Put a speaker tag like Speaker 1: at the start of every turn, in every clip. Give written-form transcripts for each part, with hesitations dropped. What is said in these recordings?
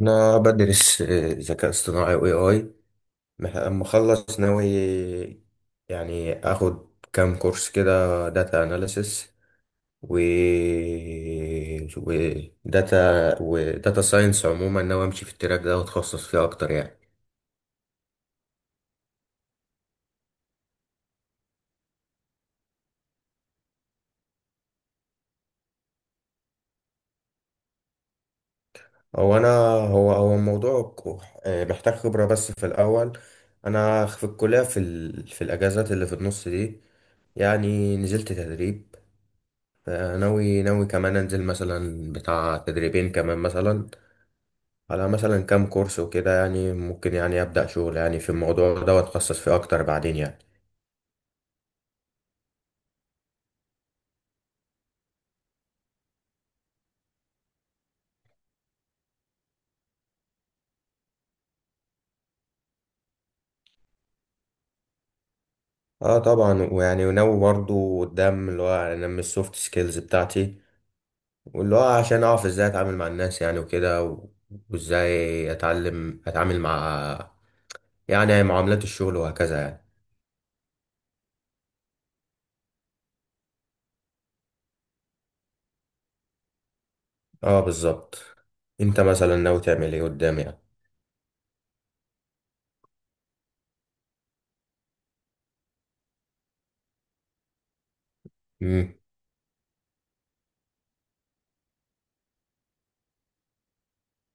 Speaker 1: انا بدرس ذكاء اصطناعي واي اي. اما اخلص ناوي، يعني اخد كام كورس كده داتا اناليسس و وداتا وداتا ساينس عموما، ناوي امشي في التراك ده واتخصص فيه اكتر يعني. هو انا هو هو الموضوع محتاج خبرة بس في الاول. انا في الكلية في الاجازات اللي في النص دي، يعني نزلت تدريب. ناوي كمان انزل مثلا بتاع تدريبين كمان، مثلا على مثلا كام كورس وكده، يعني ممكن يعني ابدا شغل يعني في الموضوع ده واتخصص فيه اكتر بعدين يعني. اه طبعا، ويعني وناوي برضو قدام اللي هو انمي السوفت سكيلز بتاعتي، واللي هو عشان اعرف ازاي اتعامل مع الناس يعني وكده وازاي اتعلم اتعامل مع، يعني، معاملات الشغل وهكذا يعني. اه بالظبط. انت مثلا ناوي تعمل ايه قدام يعني؟ امم.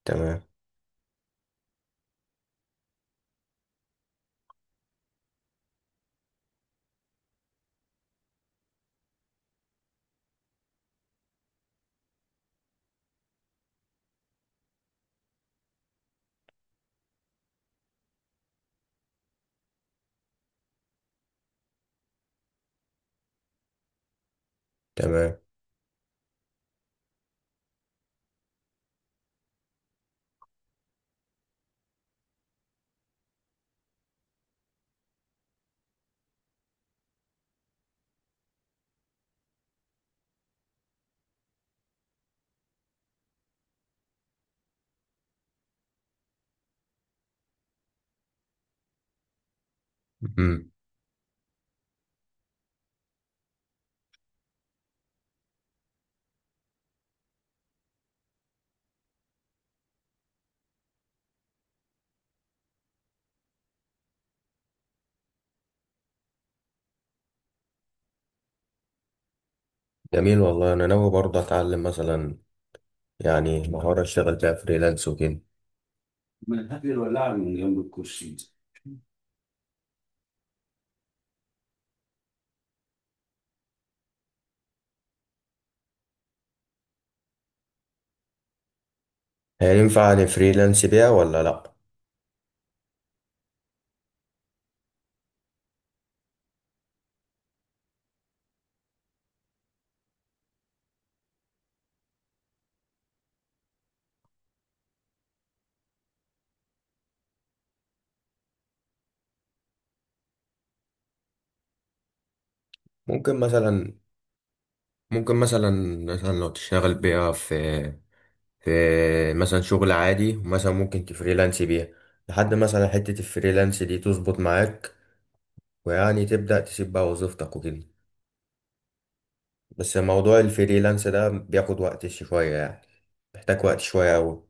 Speaker 1: تمام. تمام. مم. جميل والله. انا ناوي برضه اتعلم مثلا يعني مهارة اشتغل بيها فريلانس وكده. ما تهدي الولاعة من جنب الكرسي. هينفع اني فريلانس بيها ولا لا؟ ممكن مثلا ممكن مثلا مثلا لو تشتغل بيها في مثلا شغل عادي، ومثلا ممكن تفريلانس بيها لحد مثلا حتة الفريلانس دي تظبط معاك ويعني تبدأ تسيب بقى وظيفتك وكده. بس موضوع الفريلانس ده بياخد وقت شوية يعني، محتاج وقت شوية أوي.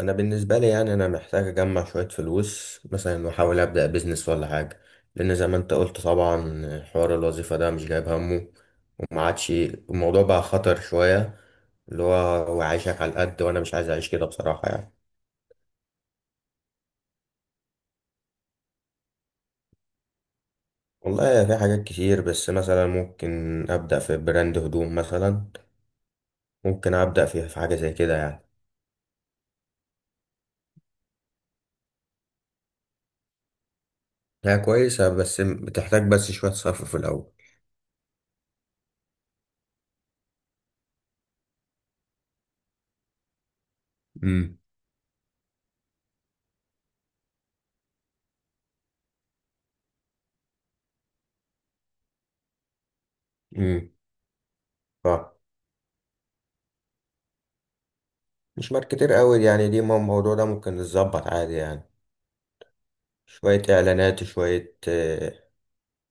Speaker 1: انا بالنسبه لي يعني انا محتاج اجمع شويه فلوس مثلا واحاول ابدا بيزنس ولا حاجه، لان زي ما انت قلت طبعا حوار الوظيفه ده مش جايب همه، وما عادش الموضوع بقى خطر شويه، اللي هو هو عايشك على القد وانا مش عايز اعيش كده بصراحه يعني. والله في حاجات كتير، بس مثلا ممكن ابدا في براند هدوم مثلا، ممكن ابدا في حاجه زي كده يعني. هي كويسه بس بتحتاج بس شويه صرف في الاول. امم. امم. مش ماركتير كتير قوي يعني دي، ما الموضوع ده ممكن يتظبط عادي يعني. شوية إعلانات شوية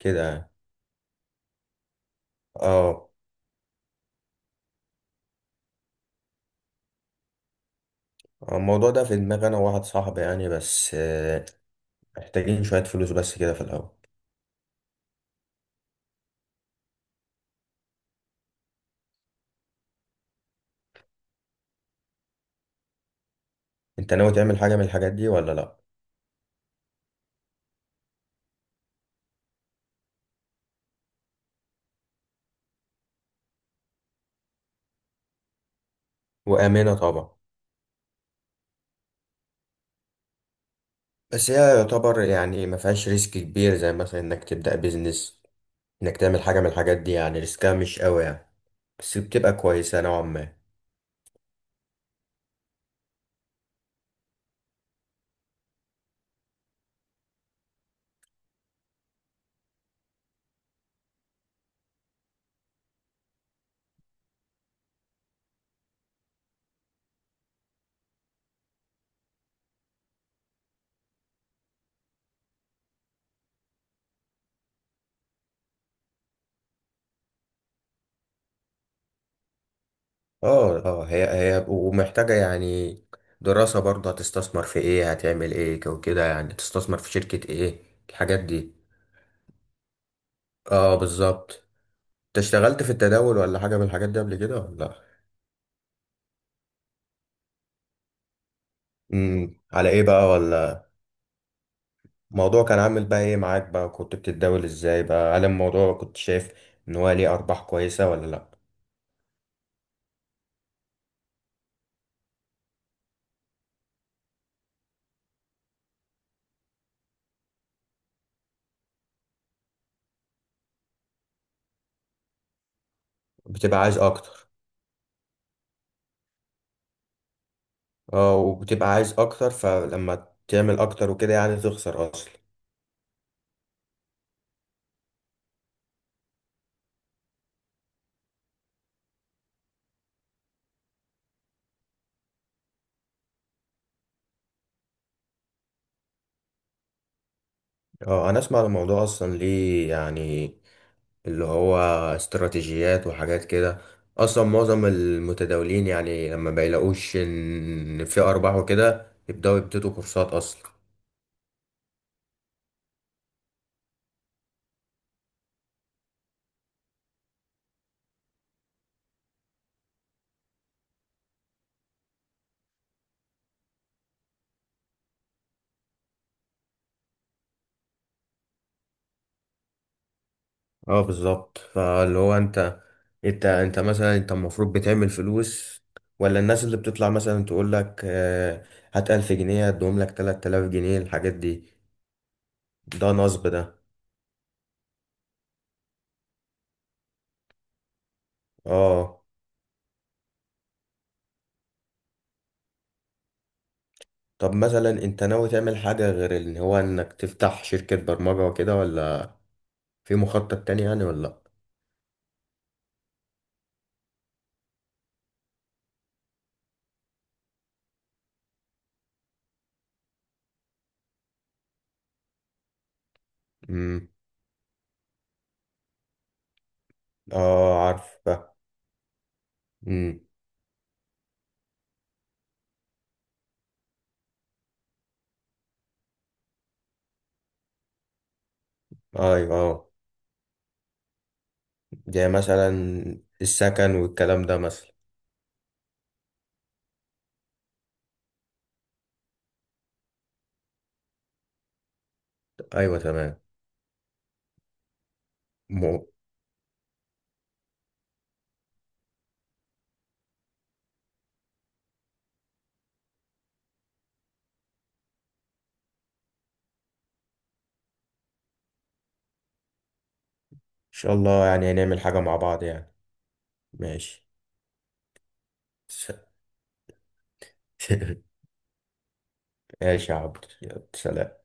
Speaker 1: كده يعني. اه. الموضوع ده في دماغي أنا وواحد صاحبي يعني، بس محتاجين شوية فلوس بس كده في الأول. أنت ناوي تعمل حاجة من الحاجات دي ولا لأ؟ وآمنة طبعا. بس هي يعتبر يعني ما فيهاش ريسك كبير زي مثلا إنك تبدأ بيزنس، إنك تعمل حاجة من الحاجات دي يعني ريسكها مش قوي يعني. بس بتبقى كويسة نوعا ما. اه اه. هي ومحتاجة يعني دراسة برضه، هتستثمر في ايه، هتعمل ايه وكده يعني، تستثمر في شركة ايه، الحاجات دي. اه بالظبط. انت اشتغلت في التداول ولا حاجة من الحاجات دي قبل كده ولا لأ؟ امم. على ايه بقى ولا؟ الموضوع كان عامل بقى ايه معاك بقى، كنت بتتداول ازاي بقى، هل الموضوع كنت شايف ان هو ليه ارباح كويسة ولا لا؟ بتبقى عايز اكتر. اه وبتبقى عايز اكتر، فلما تعمل اكتر وكده يعني تخسر اصلا. اه انا اسمع الموضوع اصلا ليه يعني، اللي هو استراتيجيات وحاجات كده. اصلا معظم المتداولين يعني لما بيلاقوش ان في ارباح وكده يبداوا يبتدوا كورسات اصلا. اه بالظبط. فاللي هو انت، انت مثلا، انت المفروض بتعمل فلوس ولا الناس اللي بتطلع مثلا تقول لك هات 1000 جنيه هدوم لك 3000 جنيه، الحاجات دي ده نصب ده. اه. طب مثلا انت ناوي تعمل حاجة غير ان هو انك تفتح شركة برمجة وكده، ولا في مخطط تاني يعني ولا لأ؟ مم. اه عارف بقى. امم. ايوه اه. زي مثلا السكن والكلام ده مثلا. ايوه تمام. مو ان شاء الله يعني هنعمل حاجه مع بعض يعني. ماشي. س- ماشي يا عبد، يلا سلام.